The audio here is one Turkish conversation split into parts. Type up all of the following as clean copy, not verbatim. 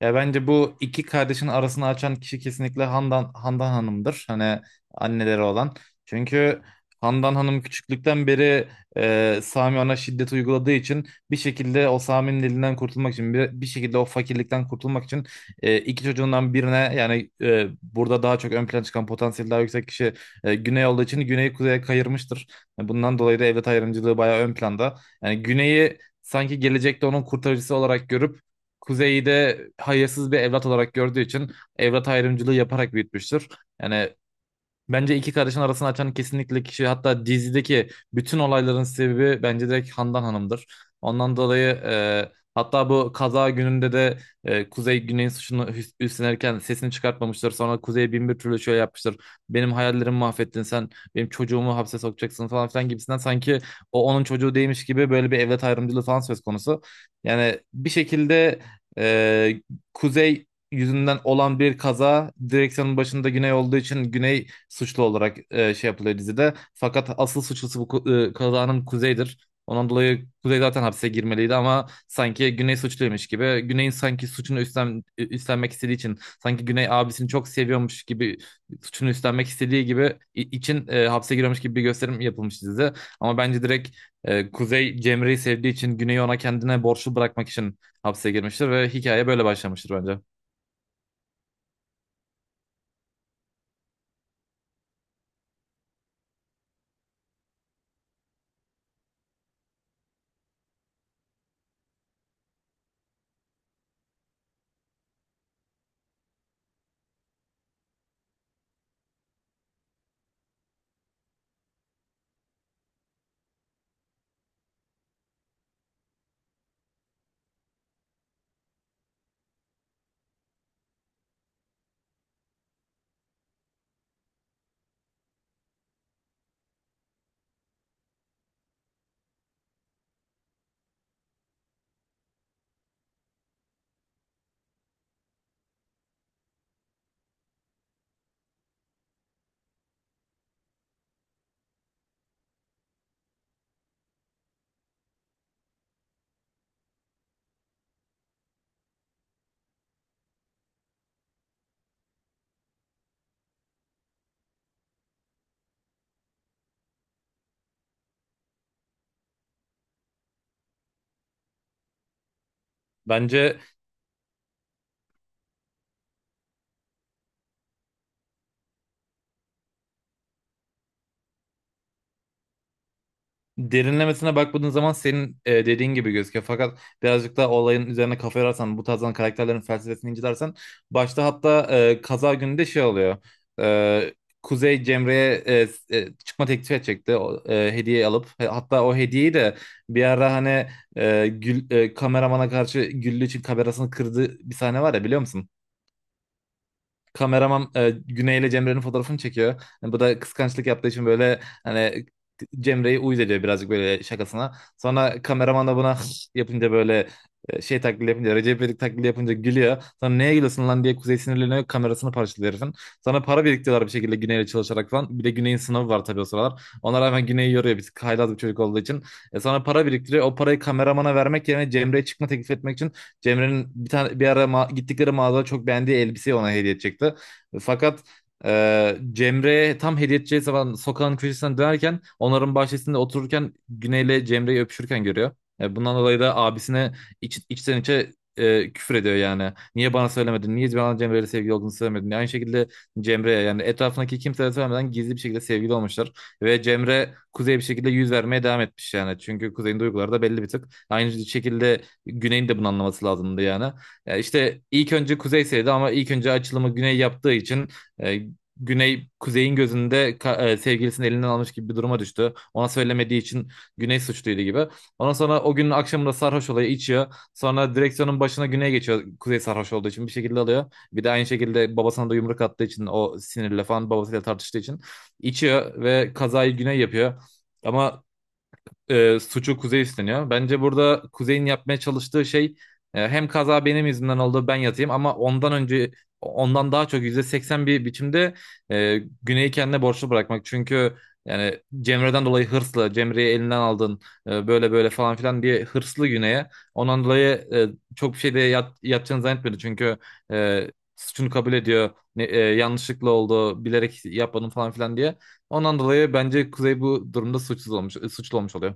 Ya bence bu iki kardeşin arasını açan kişi kesinlikle Handan Hanım'dır. Hani anneleri olan. Çünkü Handan Hanım küçüklükten beri Sami ona şiddet uyguladığı için bir şekilde o Sami'nin elinden kurtulmak için bir şekilde o fakirlikten kurtulmak için iki çocuğundan birine yani burada daha çok ön plana çıkan potansiyeli daha yüksek kişi Güney olduğu için Güney'i kuzeye kayırmıştır. Bundan dolayı da evlat ayrımcılığı bayağı ön planda. Yani Güney'i sanki gelecekte onun kurtarıcısı olarak görüp Kuzey'i de hayırsız bir evlat olarak gördüğü için evlat ayrımcılığı yaparak büyütmüştür. Yani, bence iki kardeşin arasını açan kesinlikle kişi hatta dizideki bütün olayların sebebi bence direkt Handan Hanım'dır. Ondan dolayı hatta bu kaza gününde de Kuzey Güney'in suçunu üstlenirken sesini çıkartmamıştır. Sonra Kuzey bin bir türlü şöyle yapmıştır. Benim hayallerimi mahvettin sen, benim çocuğumu hapse sokacaksın falan filan gibisinden sanki o onun çocuğu değilmiş gibi böyle bir evlat ayrımcılığı falan söz konusu. Yani bir şekilde e, Kuzey yüzünden olan bir kaza direksiyonun başında Güney olduğu için Güney suçlu olarak şey yapılıyor dizide. Fakat asıl suçlusu bu kazanın Kuzey'dir. Ondan dolayı Kuzey zaten hapse girmeliydi ama sanki Güney suçluymuş gibi. Güney'in sanki suçunu üstlenmek istediği için sanki Güney abisini çok seviyormuş gibi suçunu üstlenmek istediği gibi için hapse giriyormuş gibi bir gösterim yapılmış dizide. Ama bence direkt Kuzey Cemre'yi sevdiği için Güney'i ona kendine borçlu bırakmak için hapse girmiştir ve hikaye böyle başlamıştır bence. Bence derinlemesine bakmadığın zaman senin dediğin gibi gözüküyor. Fakat birazcık da olayın üzerine kafa yorarsan, bu tarzdan karakterlerin felsefesini incelersen, başta hatta kaza günü de şey oluyor. E, Kuzey Cemre'ye çıkma teklif edecekti o, hediye alıp. Hatta o hediyeyi de bir ara hani kameramana karşı Güllü için kamerasını kırdığı bir sahne var ya, biliyor musun? Kameraman Güney ile Cemre'nin fotoğrafını çekiyor. Yani bu da kıskançlık yaptığı için böyle hani Cemre'yi uyuz ediyor birazcık böyle şakasına. Sonra kameraman da buna yapınca böyle şey taklidi yapınca, Recep İvedik taklidi yapınca gülüyor. Sonra neye gülüyorsun lan diye Kuzey sinirleniyor, kamerasını parçalıyor herifin. Sonra para biriktiriyorlar bir şekilde Güney'le çalışarak falan. Bir de Güney'in sınavı var tabii o sıralar. Ona rağmen Güney'i yoruyor bir tık, haylaz bir çocuk olduğu için. Sonra para biriktiriyor. O parayı kameramana vermek yerine Cemre'ye çıkma teklif etmek için Cemre'nin bir tane bir ara gittikleri mağazada çok beğendiği elbiseyi ona hediye edecekti. Fakat Cemre tam hediye edeceği zaman sokağın köşesinden dönerken, onların bahçesinde otururken Güney'le Cemre'yi öpüşürken görüyor. Bundan dolayı da abisine içten içe küfür ediyor yani. Niye bana söylemedin? Niye bana Cemre'yle sevgili olduğunu söylemedin? Aynı şekilde Cemre'ye yani etrafındaki kimseye söylemeden gizli bir şekilde sevgili olmuşlar. Ve Cemre Kuzey'e bir şekilde yüz vermeye devam etmiş yani. Çünkü Kuzey'in duyguları da belli bir tık. Aynı şekilde Güney'in de bunu anlaması lazımdı yani. İşte ilk önce Kuzey sevdi ama ilk önce açılımı Güney yaptığı için e, Güney Kuzey'in gözünde sevgilisini elinden almış gibi bir duruma düştü. Ona söylemediği için Güney suçluydu gibi. Ondan sonra o günün akşamında sarhoş olayı içiyor. Sonra direksiyonun başına Güney geçiyor. Kuzey sarhoş olduğu için bir şekilde alıyor. Bir de aynı şekilde babasına da yumruk attığı için o sinirle falan babasıyla tartıştığı için içiyor ve kazayı Güney yapıyor. Ama suçu Kuzey üstleniyor. Bence burada Kuzey'in yapmaya çalıştığı şey, hem kaza benim yüzümden oldu ben yatayım, ama ondan önce ondan daha çok %81 biçimde Güney'i kendine borçlu bırakmak. Çünkü yani Cemre'den dolayı hırslı, Cemre'yi elinden aldın böyle böyle falan filan diye hırslı Güney'e. Ondan dolayı e, çok bir şey de yapacağını zannetmedi. Çünkü e, suçunu kabul ediyor. Yanlışlıkla oldu, bilerek yapmadım falan filan diye. Ondan dolayı bence Kuzey bu durumda suçsuz olmuş, suçlu olmuş oluyor.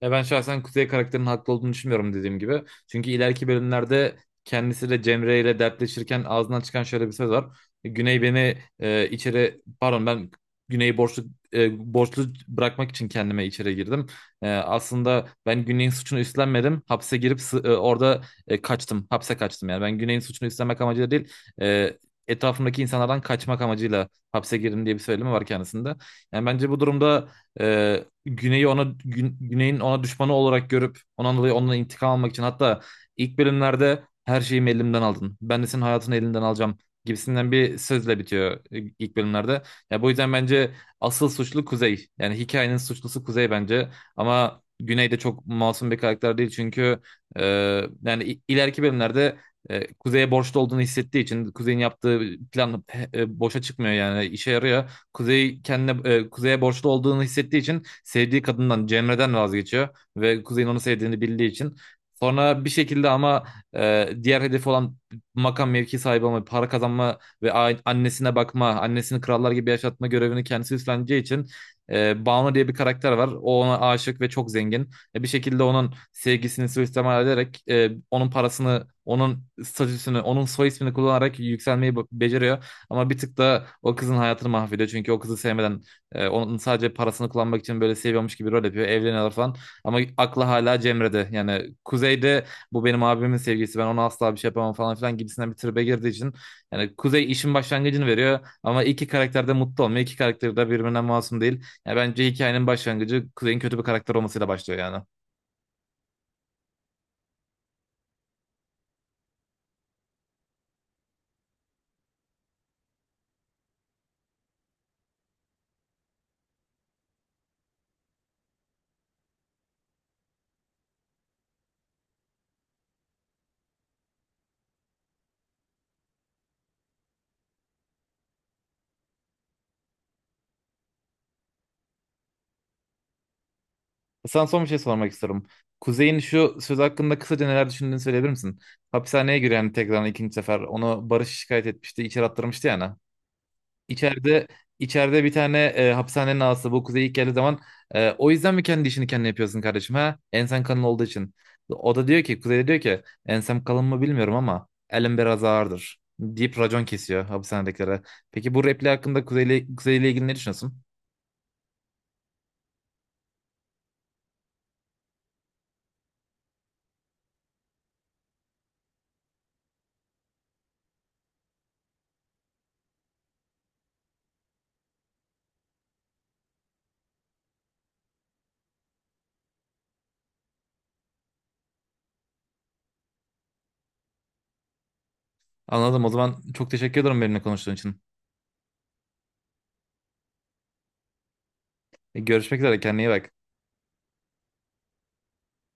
Ya ben şahsen Kuzey karakterinin haklı olduğunu düşünmüyorum dediğim gibi. Çünkü ileriki bölümlerde kendisiyle Cemre ile dertleşirken ağzından çıkan şöyle bir söz var. Güney beni içeri, pardon, ben Güney'i borçlu, borçlu bırakmak için kendime içeri girdim. Aslında ben Güney'in suçunu üstlenmedim. Hapse girip orada kaçtım. Hapse kaçtım yani. Ben Güney'in suçunu üstlenmek amacıyla değil. E, Etrafımdaki insanlardan kaçmak amacıyla hapse girdim diye bir söylemi var kendisinde. Yani bence bu durumda e, Güney'i ona Güney'in ona düşmanı olarak görüp ondan dolayı ondan intikam almak için, hatta ilk bölümlerde her şeyimi elimden aldın, ben de senin hayatını elinden alacağım gibisinden bir sözle bitiyor ilk bölümlerde. Ya bu yüzden bence asıl suçlu Kuzey. Yani hikayenin suçlusu Kuzey bence. Ama Güney de çok masum bir karakter değil çünkü e, yani ileriki bölümlerde Kuzey'e borçlu olduğunu hissettiği için Kuzey'in yaptığı plan boşa çıkmıyor yani işe yarıyor. Kuzey kendine, Kuzey'e borçlu olduğunu hissettiği için sevdiği kadından Cemre'den vazgeçiyor ve Kuzey'in onu sevdiğini bildiği için. Sonra bir şekilde ama diğer hedefi olan makam mevki sahibi olma, para kazanma ve annesine bakma, annesini krallar gibi yaşatma görevini kendisi üstleneceği için Banu diye bir karakter var. O ona aşık ve çok zengin. Bir şekilde onun sevgisini suistimal ederek onun parasını, onun statüsünü, onun soy ismini kullanarak yükselmeyi beceriyor. Ama bir tık da o kızın hayatını mahvediyor. Çünkü o kızı sevmeden onun sadece parasını kullanmak için böyle seviyormuş gibi rol yapıyor. Evleniyorlar falan. Ama aklı hala Cemre'de. Yani Kuzey'de bu benim abimin sevgisi. Ben ona asla bir şey yapamam falan filan gibisinden bir tribe girdiği için. Yani Kuzey işin başlangıcını veriyor. Ama iki karakter de mutlu olmuyor. İki karakter de birbirinden masum değil. Yani bence hikayenin başlangıcı Kuzey'in kötü bir karakter olmasıyla başlıyor yani. Sana son bir şey sormak istiyorum. Kuzey'in şu söz hakkında kısaca neler düşündüğünü söyleyebilir misin? Hapishaneye giren tekrar ikinci sefer onu Barış şikayet etmişti, içeri attırmıştı yani. İçeride içeride bir tane hapishanenin ağası, bu Kuzey ilk geldiği zaman, o yüzden mi kendi işini kendi yapıyorsun kardeşim ha? Ensen kalın olduğu için. O da diyor ki, Kuzey de diyor ki, ensem kalın mı bilmiyorum ama elim biraz ağırdır deyip racon kesiyor hapishanedekilere. Peki bu repli hakkında Kuzey'le ilgili ne düşünüyorsun? Anladım. O zaman çok teşekkür ederim benimle konuştuğun için. Görüşmek üzere. Kendine iyi bak.